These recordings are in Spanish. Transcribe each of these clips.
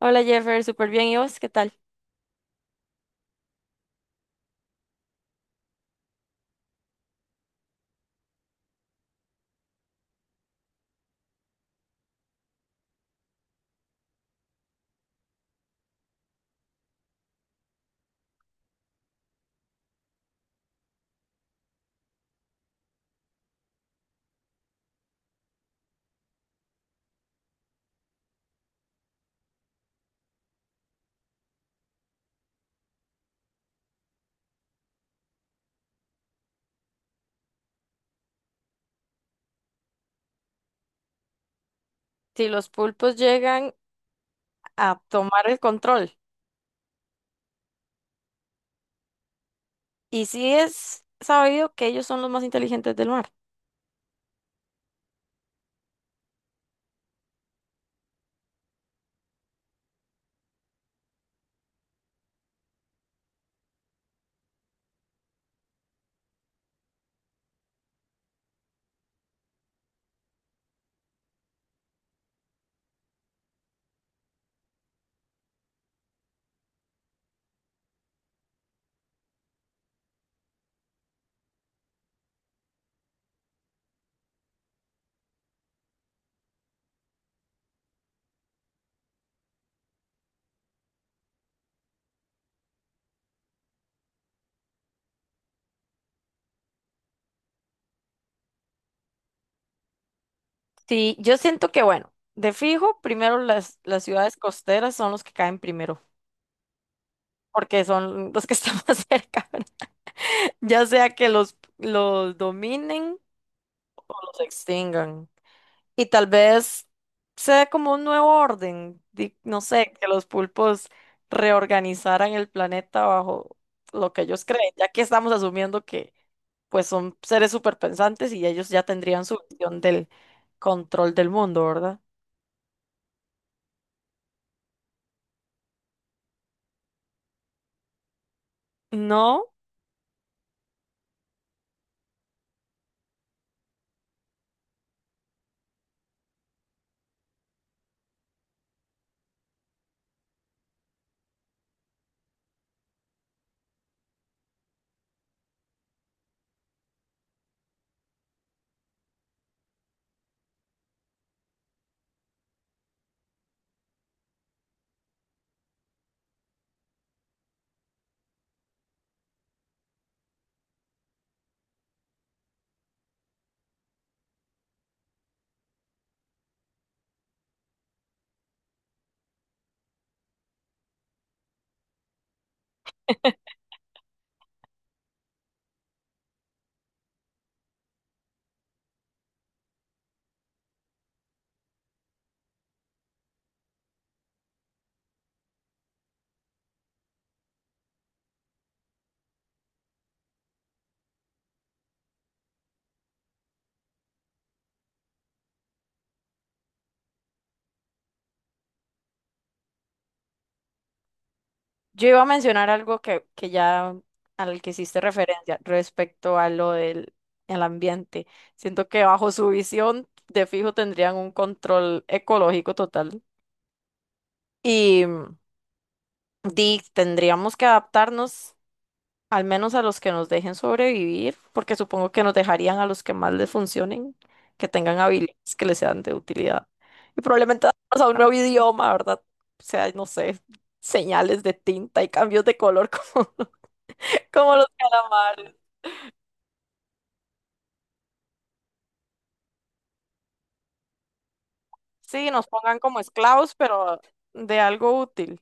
Hola Jeffer, súper bien. ¿Y vos qué tal? Si los pulpos llegan a tomar el control, y sí es sabido que ellos son los más inteligentes del mar. Sí, yo siento que, bueno, de fijo, primero las ciudades costeras son los que caen primero, porque son los que están más cerca, ¿verdad? Ya sea que los dominen o los extingan. Y tal vez sea como un nuevo orden, no sé, que los pulpos reorganizaran el planeta bajo lo que ellos creen, ya que estamos asumiendo que pues son seres superpensantes y ellos ya tendrían su visión del control del mundo, ¿verdad? No, yo iba a mencionar algo que ya al que hiciste referencia respecto a lo del el ambiente. Siento que bajo su visión de fijo tendrían un control ecológico total. Y di, tendríamos que adaptarnos al menos a los que nos dejen sobrevivir, porque supongo que nos dejarían a los que más les funcionen, que tengan habilidades que les sean de utilidad. Y probablemente adaptarnos a un nuevo idioma, ¿verdad? O sea, no sé, señales de tinta y cambios de color como, como los calamares. Sí, nos pongan como esclavos, pero de algo útil.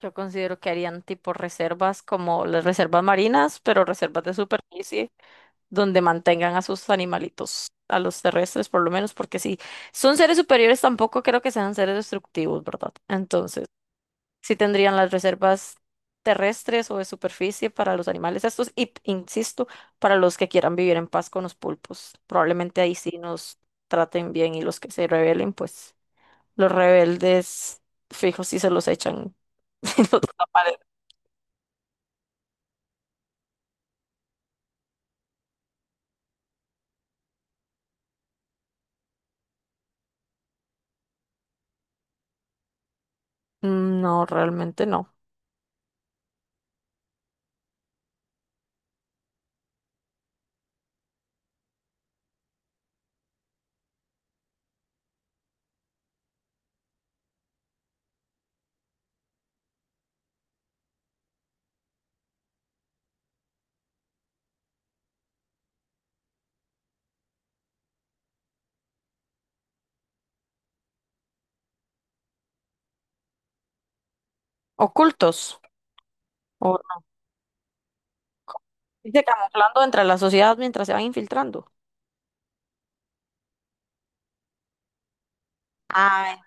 Yo considero que harían tipo reservas como las reservas marinas, pero reservas de superficie. Donde mantengan a sus animalitos, a los terrestres por lo menos, porque si son seres superiores tampoco creo que sean seres destructivos, ¿verdad? Entonces, sí tendrían las reservas terrestres o de superficie para los animales estos y, insisto, para los que quieran vivir en paz con los pulpos. Probablemente ahí sí nos traten bien y los que se rebelen, pues los rebeldes fijos sí se los echan y los desaparecen. No, realmente no. Ocultos. Dice camuflando entre la sociedad mientras se van infiltrando. Ah,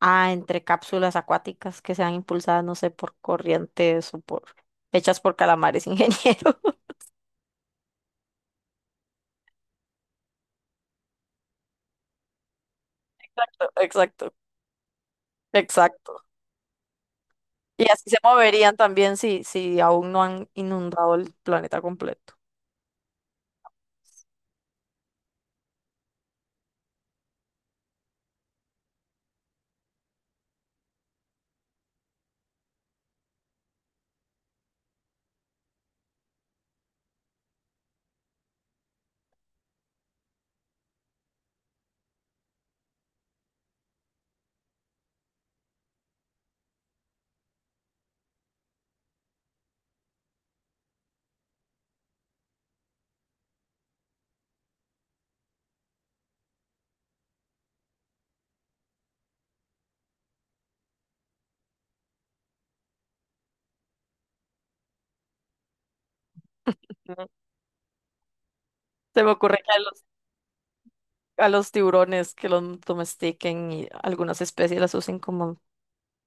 entre cápsulas acuáticas que sean impulsadas, no sé, por corrientes o por hechas por calamares, ingeniero. Exacto, exacto. Y así se moverían también si aún no han inundado el planeta completo. Ujú. Se me ocurre que a a los tiburones que los domestiquen y algunas especies las usen como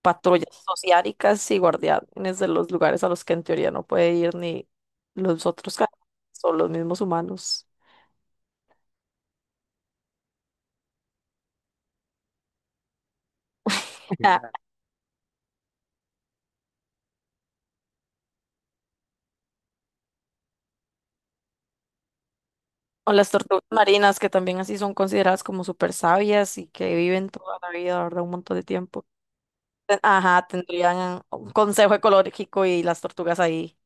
patrullas sociáricas y guardianes de los lugares a los que en teoría no puede ir ni los otros son los mismos humanos. Ah, o las tortugas marinas, que también así son consideradas como súper sabias y que viven toda la vida, ¿verdad? Un montón de tiempo. Ajá, tendrían un consejo ecológico y las tortugas ahí.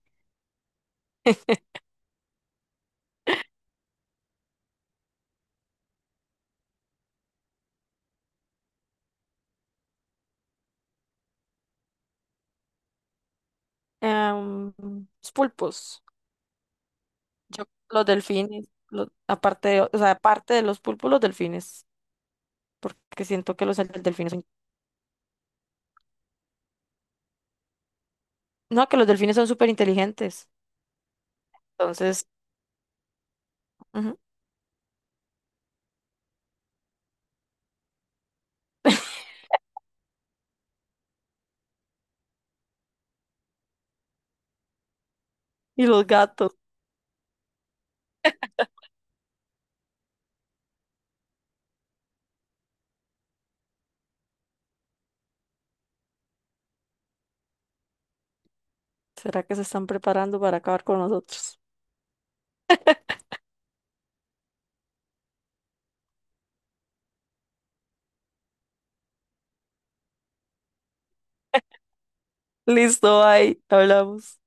Em, los pulpos. Yo, los delfines, aparte de, o sea, aparte de los pulpos, los delfines. Porque siento que los delfines son. No, que los delfines son súper inteligentes. Entonces, ujú. Y los gatos, ¿será que se están preparando para acabar con nosotros? Listo, ahí hablamos.